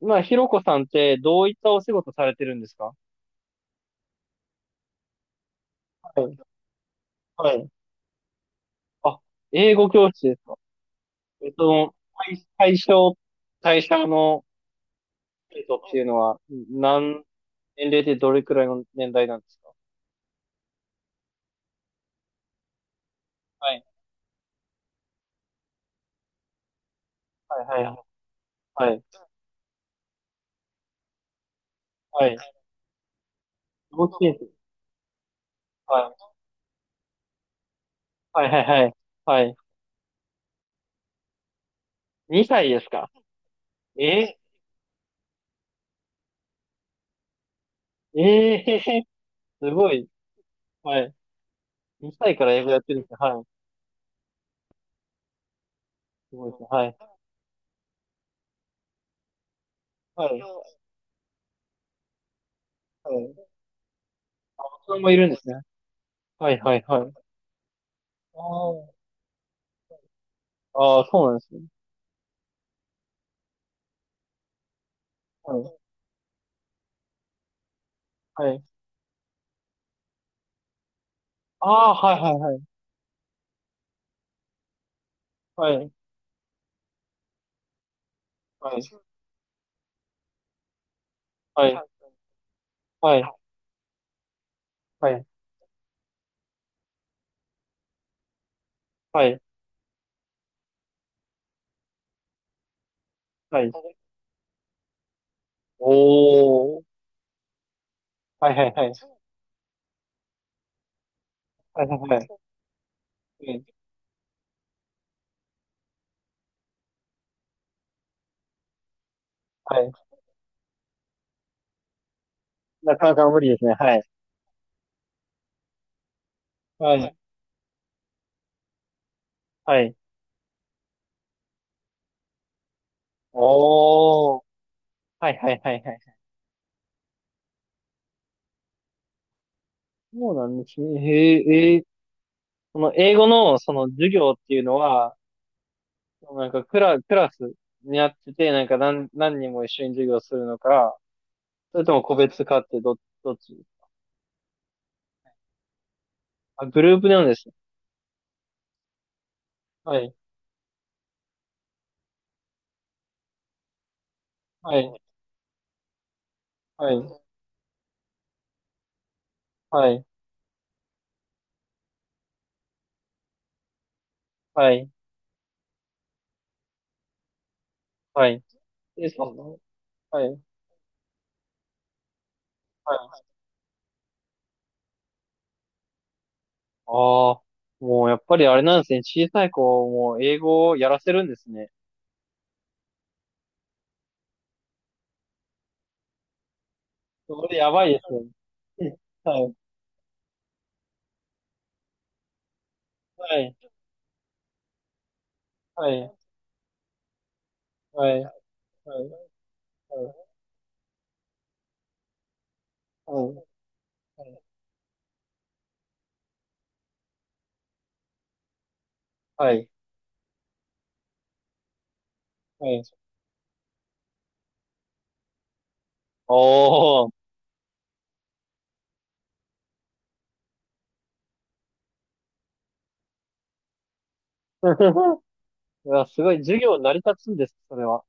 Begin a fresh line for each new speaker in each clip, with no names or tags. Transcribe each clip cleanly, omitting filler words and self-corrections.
まあひろこさんってどういったお仕事されてるんですか？はい。はい。あ、英語教室ですか？えっと、対対象、対象の生徒っていうのは、何、年齢でどれくらいの年代なんですか？はい、はい、はい。はい、はい、はい。幼稚園生。はい、はい、はい、はい。はい。2歳ですか？え、ええー、すごい。はい。2歳から英語やってるんですね。はい。すごいですね。はい。はい。はい。子供もいるんですね。はい、はい、はい。ああ、ああそうなんですね。はい。はい。ああはいはいはい。はい。はい。はい。はい。はい。はい。おー。はいはいはい。はいはいはい。うん。はい。なかなか無理ですね。はい。はい。はい。おー。はいはいはいはい。そうなんですね。へえ、えー、その英語のその授業っていうのは、なんかクラスにあってて、なんか何人も一緒に授業するのか、それとも個別かってどっち？あ、グループなんですね。はい。はい。はい。はい。はい、はい。A さんの、はい、はい。ああ、もうやっぱりあれなんですね。小さい子も英語をやらせるんですね。それでやばいですね。はい、はい、はい、はい、はい、はい、はい、はい、はい。おお。いや、すごい、授業成り立つんですね、それは。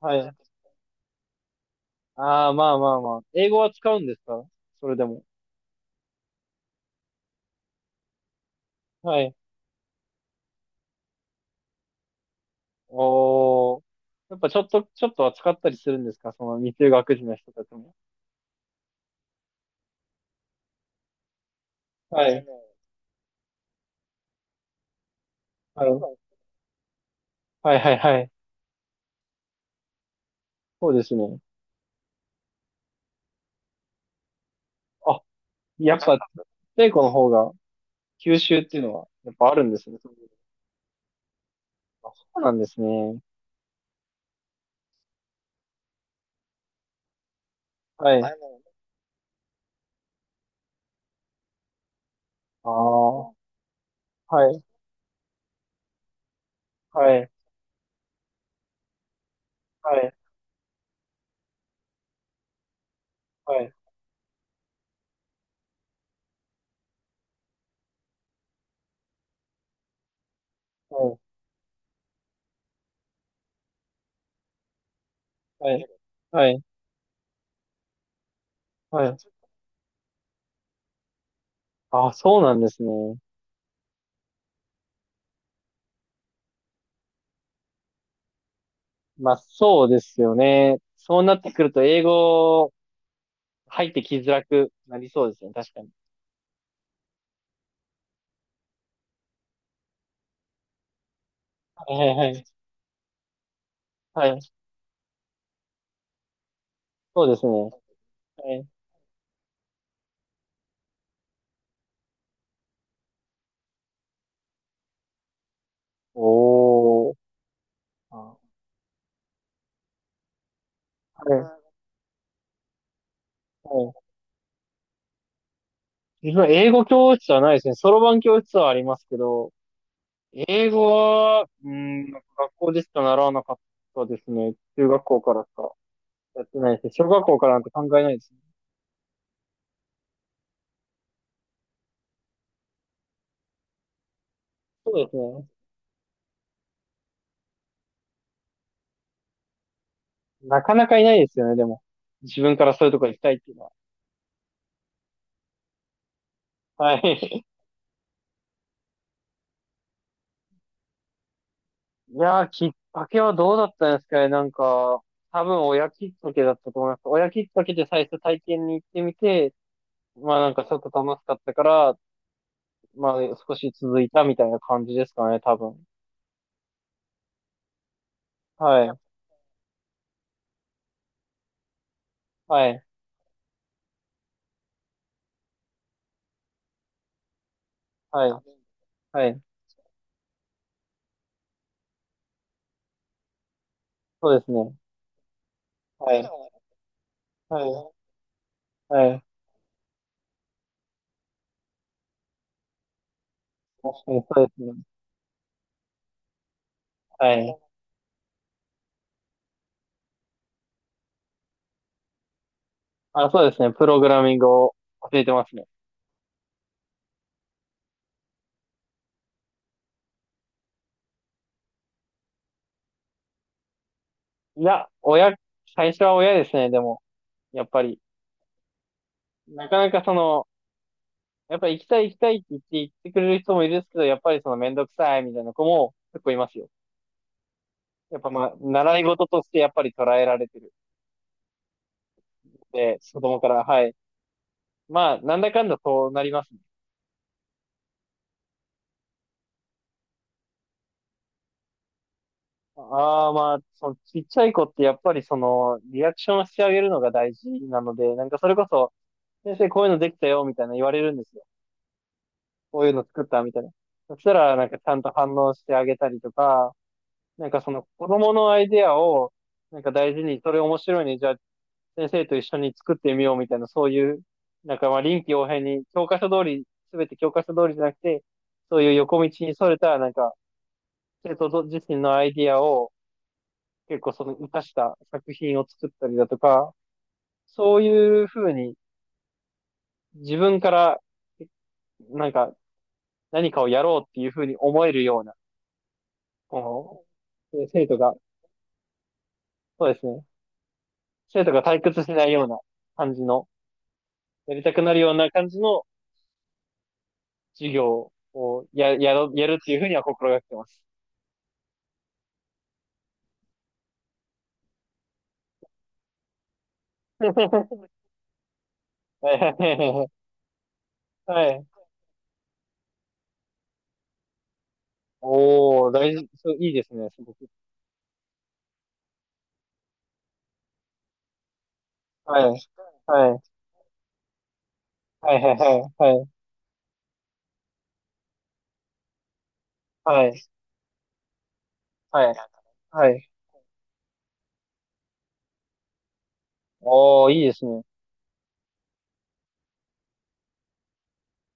はい。ああ、まあまあまあ。英語は使うんですか、それでも？はい。おお。やっぱちょっと、ちょっとは使ったりするんですか、その未就学児の人たちも？はい。あの、はいはいはい。そうですね。あ、やっぱ、太古の方が、吸収っていうのは、やっぱあるんですね。あ、そうなんですね。はい。ああ、はい、はい、はい、はい、はい、はい、はい。あ、そうなんですね。まあ、そうですよね。そうなってくると、英語入ってきづらくなりそうですね。確かに。はい、はい、はい。はい、そうですね。はい。おー。あ、はい、はい。自分は英語教室はないですね。そろばん教室はありますけど、英語は、うん、学校でしか習わなかったですね。中学校からしかやってないですね。小学校からなんて考えないですね。そうですね。なかなかいないですよね、でも。自分からそういうとこ行きたいっていうのは。はい。いやー、きっかけはどうだったんですかね。なんか、多分親きっかけだったと思います。親きっかけで最初体験に行ってみて、まあなんかちょっと楽しかったから、まあ少し続いたみたいな感じですかね、多分。はい。はい、はい、はい、そうですね。はい、はい、はい、確かにそうですね。はい。あ、そうですね。プログラミングを教えてますね。いや、親、最初は親ですね、でも、やっぱり。なかなかその、やっぱり行きたい行きたいって言って、行ってくれる人もいるんですけど、やっぱりそのめんどくさいみたいな子も結構いますよ。やっぱまあ、習い事としてやっぱり捉えられてるので、子供から、はい。まあ、なんだかんだそうなりますね。ああ、まあ、そのちっちゃい子ってやっぱりその、リアクションをしてあげるのが大事なので、なんかそれこそ、先生こういうのできたよ、みたいな言われるんですよ。こういうの作った、みたいな。そしたら、なんかちゃんと反応してあげたりとか、なんかその子供のアイデアを、なんか大事に、それ面白いね、じゃあ先生と一緒に作ってみよう、みたいな、そういう、なんかまあ臨機応変に、教科書通り、すべて教科書通りじゃなくて、そういう横道にそれた、なんか、生徒自身のアイディアを、結構その生かした作品を作ったりだとか、そういうふうに自分からなんか何かをやろうっていうふうに思えるような、この生徒が、そうですね、生徒が退屈しないような感じの、やりたくなるような感じの授業をやるっていうふうには心がけてます。はいはい。おー、大事、そう、いいですね、すごく。はい。はい。はい、はい、はい、はい、はい、はい。はい。おー、いいですね。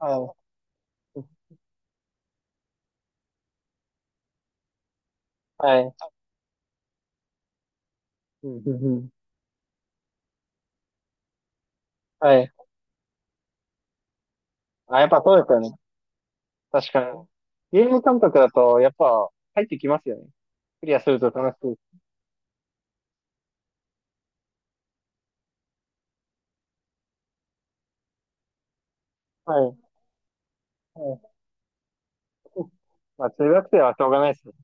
はい。はい。うんうんうん。はい。あ、やっぱそうですよね。確かに。ゲーム感覚だと、やっぱ入ってきますよね。クリアすると楽しい。はい。はい。まあ、中学生はしょうがないですよ、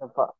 やっぱ。